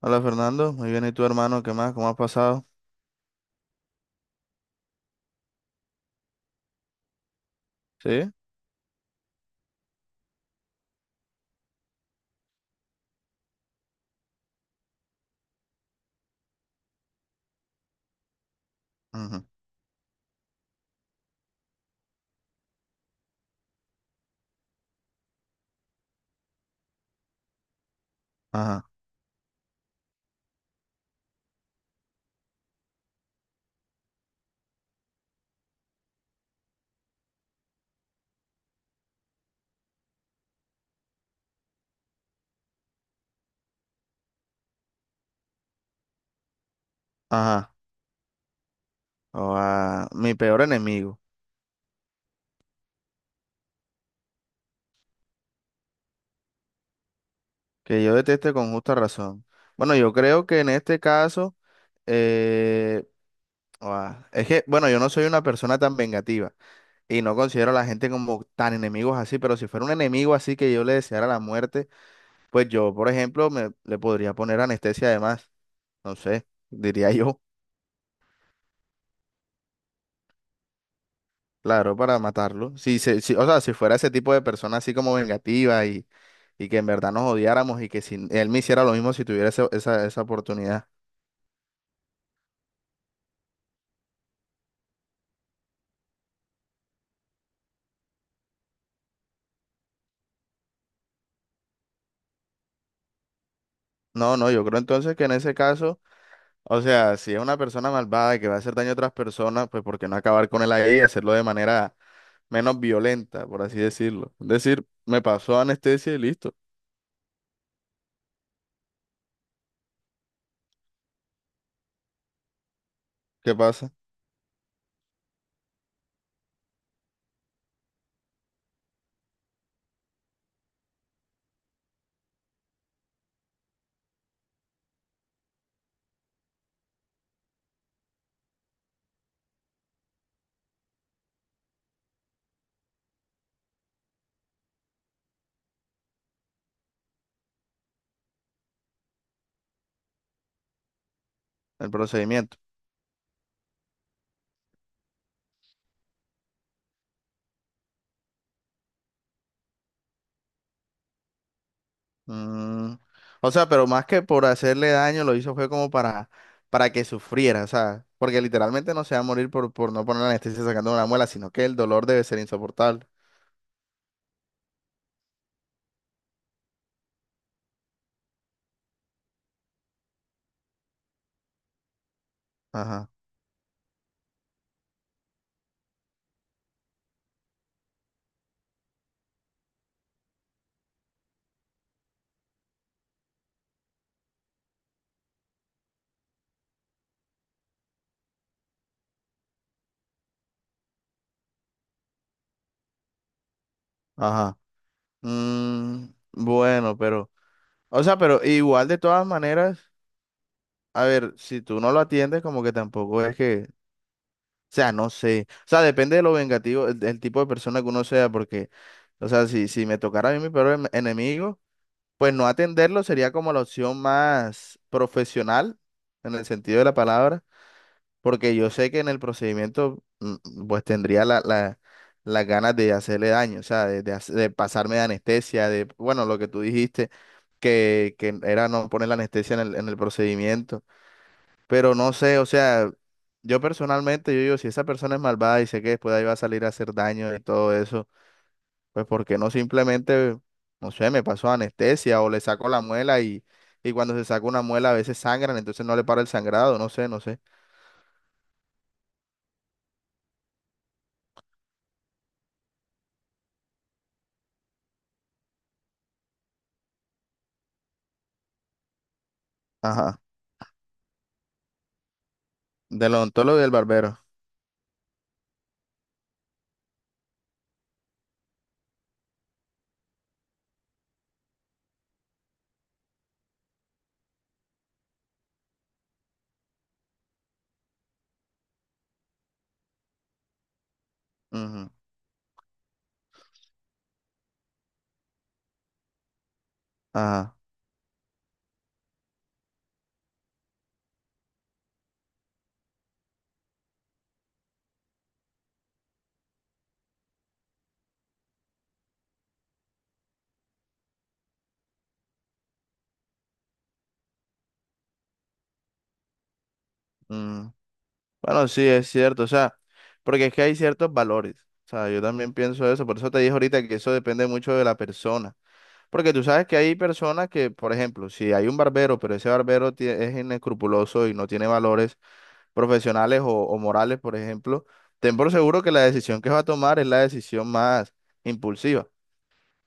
Hola Fernando, muy bien, ¿y tu hermano? ¿Qué más? ¿Cómo has pasado? ¿Sí? Ujú. Ajá, ajá. O a mi peor enemigo, que yo deteste con justa razón. Bueno, yo creo que en este caso, eh, o es que, bueno, yo no soy una persona tan vengativa y no considero a la gente como tan enemigos así, pero si fuera un enemigo así que yo le deseara la muerte, pues yo, por ejemplo, le podría poner anestesia además, no sé, diría yo. Claro, para matarlo. Si se, si- O sea, si fuera ese tipo de persona así como vengativa y que en verdad nos odiáramos y que si él me hiciera lo mismo si tuviera esa, esa oportunidad. No, no, yo creo entonces que en ese caso, o sea, si es una persona malvada y que va a hacer daño a otras personas, pues ¿por qué no acabar con él ahí y hacerlo de manera menos violenta, por así decirlo? Es decir, me pasó anestesia y listo. ¿Qué pasa? El procedimiento. Mm, o sea, pero más que por hacerle daño, lo hizo fue como para que sufriera, o sea, porque literalmente no se va a morir por no poner la anestesia sacando una muela, sino que el dolor debe ser insoportable. Ajá. Ajá. Mm, bueno, pero, o sea, pero igual de todas maneras, a ver, si tú no lo atiendes, como que tampoco es que, o sea, no sé, o sea, depende de lo vengativo, el tipo de persona que uno sea, porque, o sea, si, si me tocara a mí mi peor enemigo, pues no atenderlo sería como la opción más profesional, en el sentido de la palabra. Porque yo sé que en el procedimiento pues tendría las ganas de hacerle daño, o sea, de, de pasarme de anestesia, de, bueno, lo que tú dijiste, que era no poner la anestesia en el procedimiento, pero no sé, o sea, yo personalmente, yo digo, si esa persona es malvada y sé que después de ahí va a salir a hacer daño y todo eso, pues ¿por qué no simplemente, no sé, me pasó anestesia o le saco la muela y cuando se saca una muela a veces sangran, entonces no le para el sangrado, no sé, no sé. Ajá. Del odontólogo y del barbero. Ujú. Ajá. Mm. Bueno, sí, es cierto. O sea, porque es que hay ciertos valores. O sea, yo también pienso eso. Por eso te dije ahorita que eso depende mucho de la persona. Porque tú sabes que hay personas que, por ejemplo, si hay un barbero, pero ese barbero es inescrupuloso y no tiene valores profesionales o morales, por ejemplo, ten por seguro que la decisión que va a tomar es la decisión más impulsiva.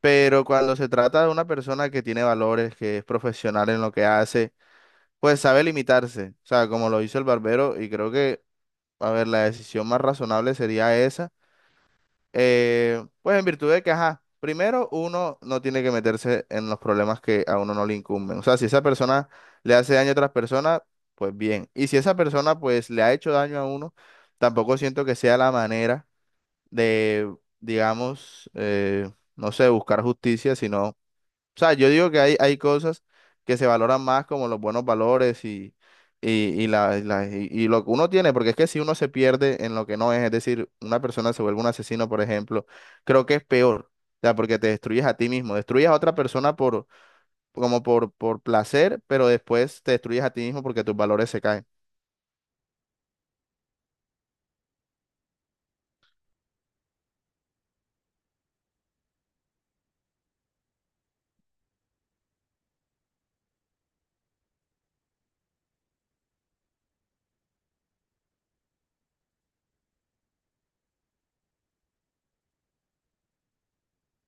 Pero cuando se trata de una persona que tiene valores, que es profesional en lo que hace, pues sabe limitarse, o sea, como lo hizo el barbero, y creo que, a ver, la decisión más razonable sería esa. Pues en virtud de que, ajá, primero uno no tiene que meterse en los problemas que a uno no le incumben. O sea, si esa persona le hace daño a otras personas, pues bien. Y si esa persona, pues, le ha hecho daño a uno, tampoco siento que sea la manera de, digamos, no sé, buscar justicia, sino o sea, yo digo que hay cosas que se valoran más como los buenos valores y, y lo que uno tiene, porque es que si uno se pierde en lo que no es, es decir, una persona se vuelve un asesino, por ejemplo, creo que es peor, o sea, porque te destruyes a ti mismo, destruyes a otra persona por, como por placer, pero después te destruyes a ti mismo porque tus valores se caen.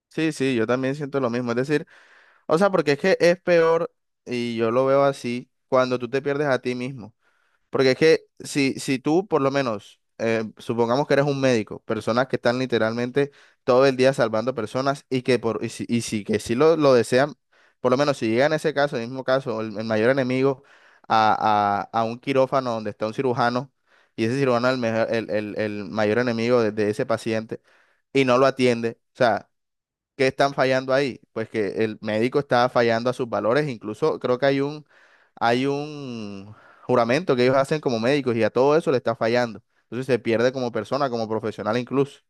Sí, sí, yo también siento lo mismo, es decir, o sea, porque es que es peor y yo lo veo así cuando tú te pierdes a ti mismo. Porque es que si, si tú, por lo menos, supongamos que eres un médico, personas que están literalmente todo el día salvando personas y que por, y si que sí lo desean, por lo menos si llegan ese caso, el mismo caso, el mayor enemigo a un quirófano donde está un cirujano y ese cirujano es el, mejor- el mayor enemigo de ese paciente y no lo atiende. O sea, ¿qué están fallando ahí? Pues que el médico está fallando a sus valores, incluso creo que hay un juramento que ellos hacen como médicos y a todo eso le está fallando. Entonces se pierde como persona, como profesional incluso.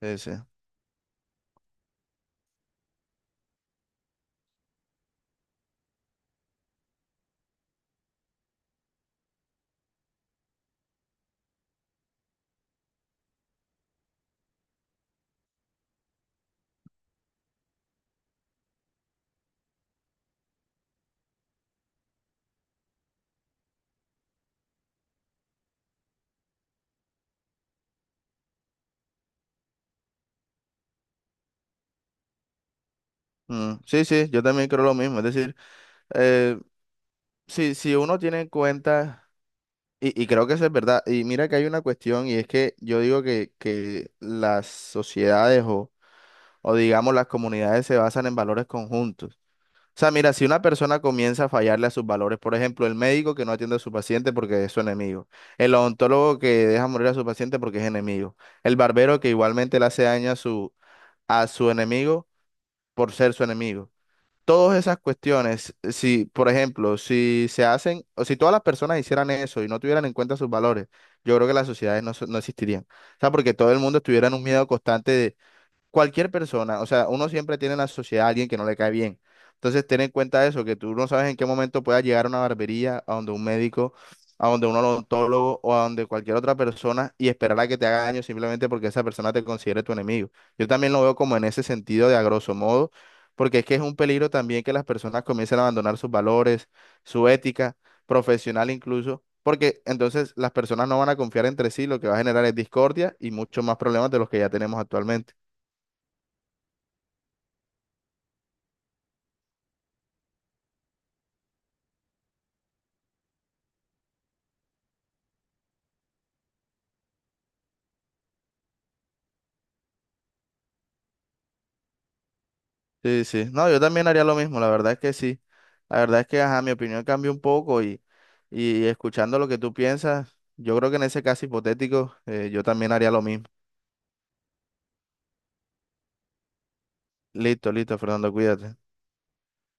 Sí, sí. Mm, sí, sí, yo también creo lo mismo. Es decir, eh, si, si uno tiene en cuenta, y creo que eso es verdad, y mira que hay una cuestión, y es que yo digo que las sociedades o digamos las comunidades se basan en valores conjuntos. O sea, mira, si una persona comienza a fallarle a sus valores, por ejemplo, el médico que no atiende a su paciente porque es su enemigo, el odontólogo que deja morir a su paciente porque es enemigo, el barbero que igualmente le hace daño a su enemigo por ser su enemigo. Todas esas cuestiones, si, por ejemplo, si se hacen, o si todas las personas hicieran eso y no tuvieran en cuenta sus valores, yo creo que las sociedades no, no existirían. O sea, porque todo el mundo estuviera en un miedo constante de cualquier persona, o sea, uno siempre tiene en la sociedad a alguien que no le cae bien. Entonces, ten en cuenta eso, que tú no sabes en qué momento puedas llegar a una barbería, a donde un médico, a donde un odontólogo o a donde cualquier otra persona y esperar a que te haga daño simplemente porque esa persona te considere tu enemigo. Yo también lo veo como en ese sentido de a grosso modo, porque es que es un peligro también que las personas comiencen a abandonar sus valores, su ética profesional incluso. Porque entonces las personas no van a confiar entre sí, lo que va a generar es discordia y muchos más problemas de los que ya tenemos actualmente. Sí, sí. No, yo también haría lo mismo, la verdad es que sí. La verdad es que, ajá, mi opinión cambió un poco y escuchando lo que tú piensas, yo creo que en ese caso hipotético, yo también haría lo mismo. Listo, listo, Fernando, cuídate.